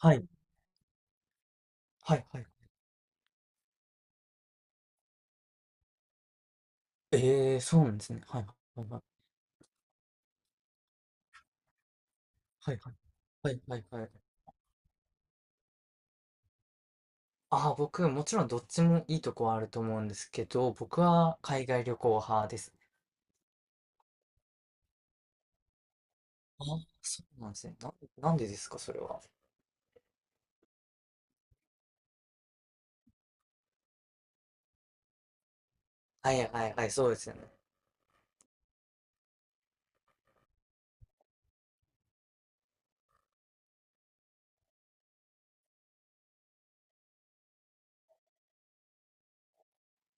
はい。はいはい。ええ、そうなんですね。はいはいはい。はいはい。はいはいはい。ああ、僕、もちろんどっちもいいとこはあると思うんですけど、僕は海外旅行派です。ああ、そうなんですね。なんでですか、それは。はいはいはい、そうですよね。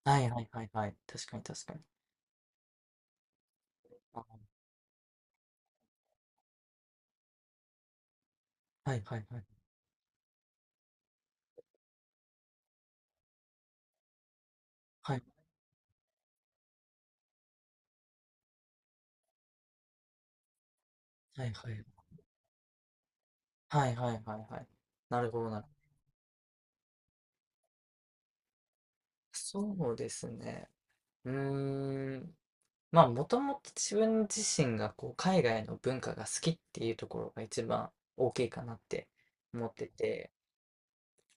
はいはいはいはい。確かに確かに。あー、はいはいはい。はい。はいはい。はいはいはいはい。なるほどな。そうですね。うーん。まあ、もともと自分自身がこう海外の文化が好きっていうところが一番大きいかなって思ってて、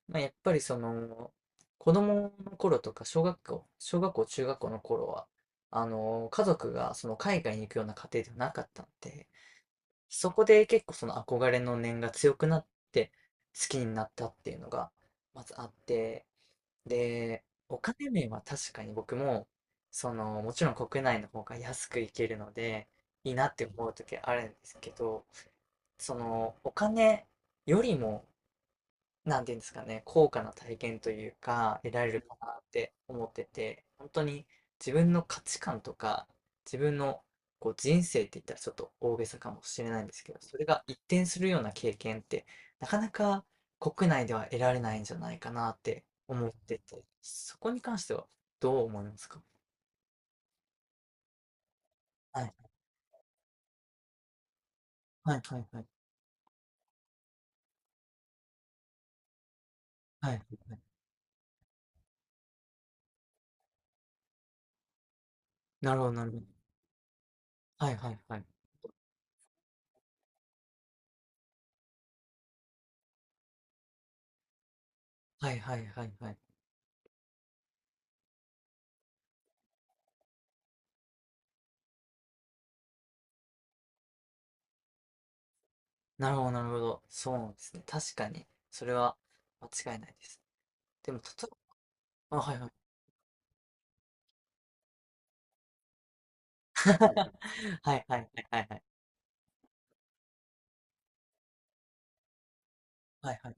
まあ、やっぱりその子供の頃とか小学校、中学校の頃は、あの、家族がその海外に行くような家庭ではなかったんで、そこで結構その憧れの念が強くなって好きになったっていうのがまずあって、で、お金面は確かに僕も、その、もちろん国内の方が安く行けるので、いいなって思う時あるんですけど、その、お金よりもなんていうんですかね、高価な体験というか、得られるかなって思ってて、本当に自分の価値観とか、自分のこう人生って言ったらちょっと大げさかもしれないんですけど、それが一転するような経験って、なかなか国内では得られないんじゃないかなって思ってて、そこに関してはどう思いますか？はい、はい、はい、はい。はい、はい。なるほど、なるほど。はい、はい、はい。はい、はい、はい、はい。なるほど、なるほど。そうなんですね。確かに。それは間違いないです。でも、例えば、あ、はいはい。はいはいはいはいはい。はいはい。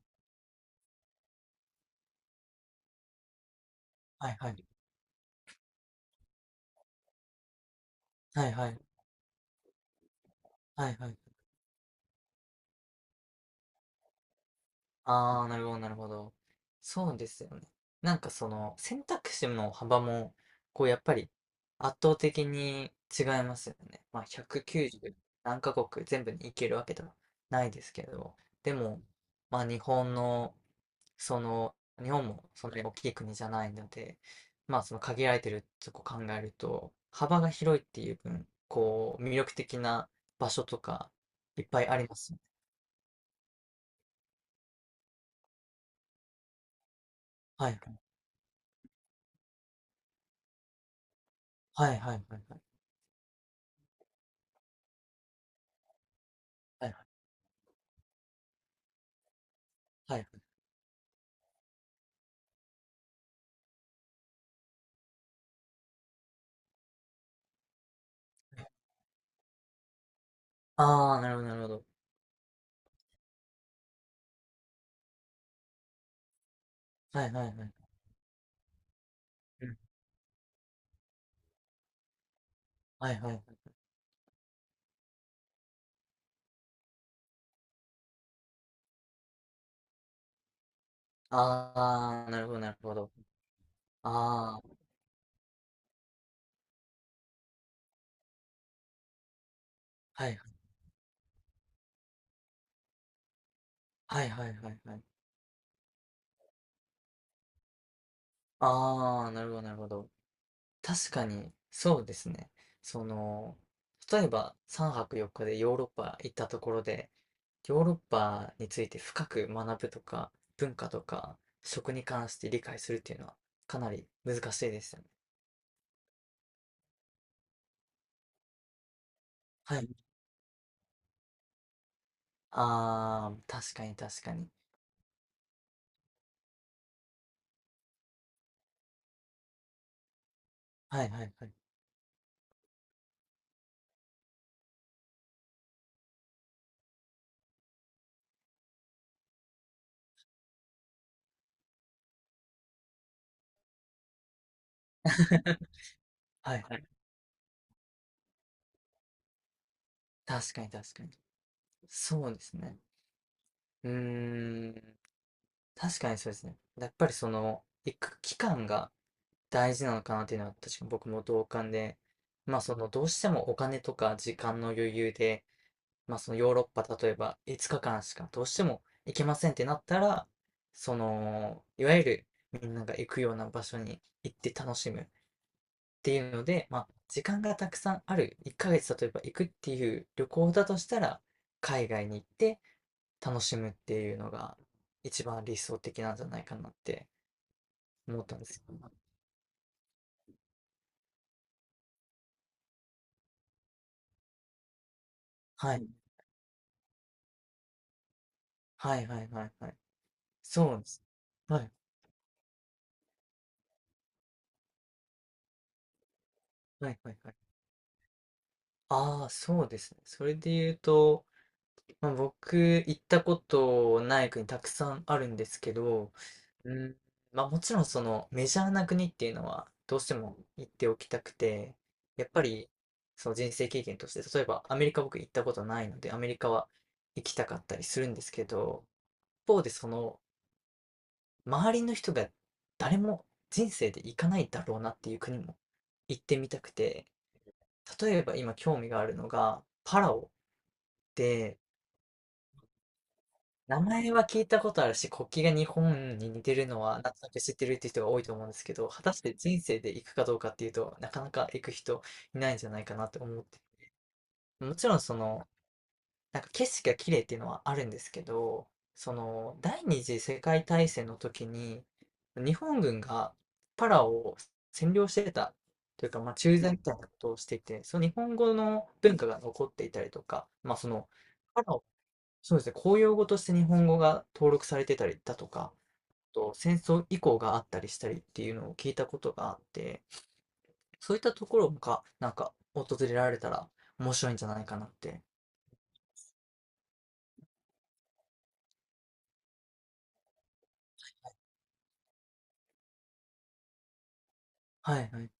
はいはい。はいはい。はいはい。ああ、なるほど、なるほど。そうですよね。なんかその選択肢の幅も、こうやっぱり圧倒的に違いますよね。まあ190何カ国全部に行けるわけではないですけど、でも、まあ日本のその、日本もそんなに大きい国じゃないので、まあその限られてるとこ考えると、幅が広いっていう分、こう、魅力的な場所とか、いっぱいありますよね。はいはい。はいはいはいはい。はいはいはいはい。ああー、なるほどなるほど。はいはいはい。うん。はいはいはい。ああ、なるほどなるほど。ああ、はいはいはいはいはい。ああ、なるほどなるほど。確かに、そうですね。その、例えば3泊4日でヨーロッパ行ったところで、ヨーロッパについて深く学ぶとか、文化とか、食に関して理解するっていうのは、かなり難しいですよね。はい。ああ、確かに確かに。はいはいはい。はいはい。確かに確かに。そうですね。うーん。確かにそうですね。やっぱりその、行く期間が大事なのかなっていうのは確かに僕も同感で、まあそのどうしてもお金とか時間の余裕で、まあそのヨーロッパ例えば5日間しかどうしても行けませんってなったら、その、いわゆるみんなが行くような場所に行って楽しむっていうので、まあ時間がたくさんある1ヶ月例えば行くっていう旅行だとしたら、海外に行って楽しむっていうのが一番理想的なんじゃないかなって思ったんですよ。はい。はいはいはいはい。そうなんです。はい。はいはいはい。ああ、そうですね。それで言うと、まあ、僕、行ったことない国たくさんあるんですけど、うん、まあもちろんそのメジャーな国っていうのはどうしても行っておきたくて、やっぱりその人生経験として、例えばアメリカ僕行ったことないので、アメリカは行きたかったりするんですけど、一方でその周りの人が誰も人生で行かないだろうなっていう国も行ってみたくて、例えば今興味があるのが、パラオで、名前は聞いたことあるし、国旗が日本に似てるのは、なんとなく知ってるっていう人が多いと思うんですけど、果たして人生で行くかどうかっていうとなかなか行く人いないんじゃないかなって思って。もちろんその、なんか景色が綺麗っていうのはあるんですけど、その第二次世界大戦の時に日本軍がパラオを占領してたというか、まあ、駐在みたいなことをしていて、その日本語の文化が残っていたりとか、まあ、そのパラオ、そうですね、公用語として日本語が登録されてたりだとか、あと戦争以降があったりしたりっていうのを聞いたことがあって、そういったところがなんか訪れられたら面白いんじゃないかなって。はいはい。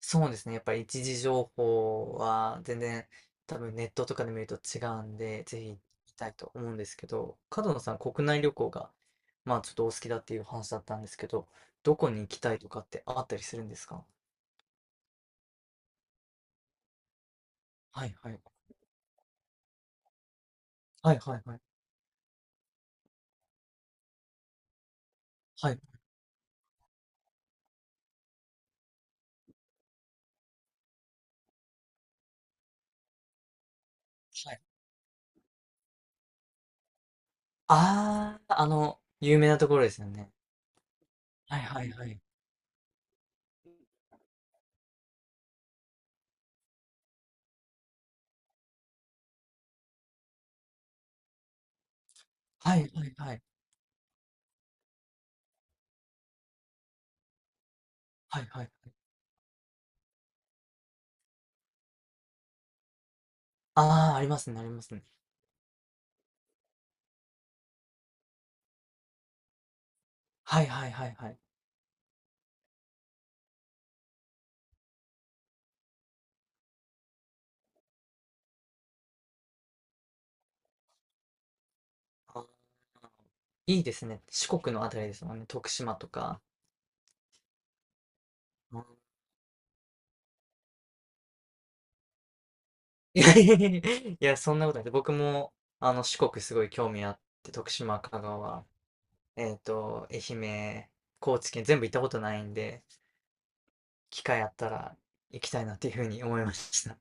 そうですね。やっぱり一次情報は全然多分ネットとかで見ると違うんで、ぜひ行きたいと思うんですけど、角野さん国内旅行がまあちょっとお好きだっていう話だったんですけど、どこに行きたいとかってあったりするんですか？はいはい。はいはいはい。はい。はい。ああ、あの、有名なところですよね。はいはいはい。はいはいはい。はいはいはい。ああ、ありますね、ありますね。はいはいはいはいはいはいはいはいああありますねありますねはいはいはいはい、あー、いいですね。四国のあたりですもんね。徳島とか。いやいやいやいや、そんなことない。僕も、あの、四国すごい興味あって、徳島、香川、えっと、愛媛、高知県全部行ったことないんで、機会あったら行きたいなっていうふうに思いました。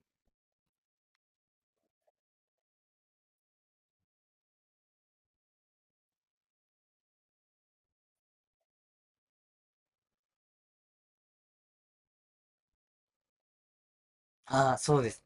ああ、そうです。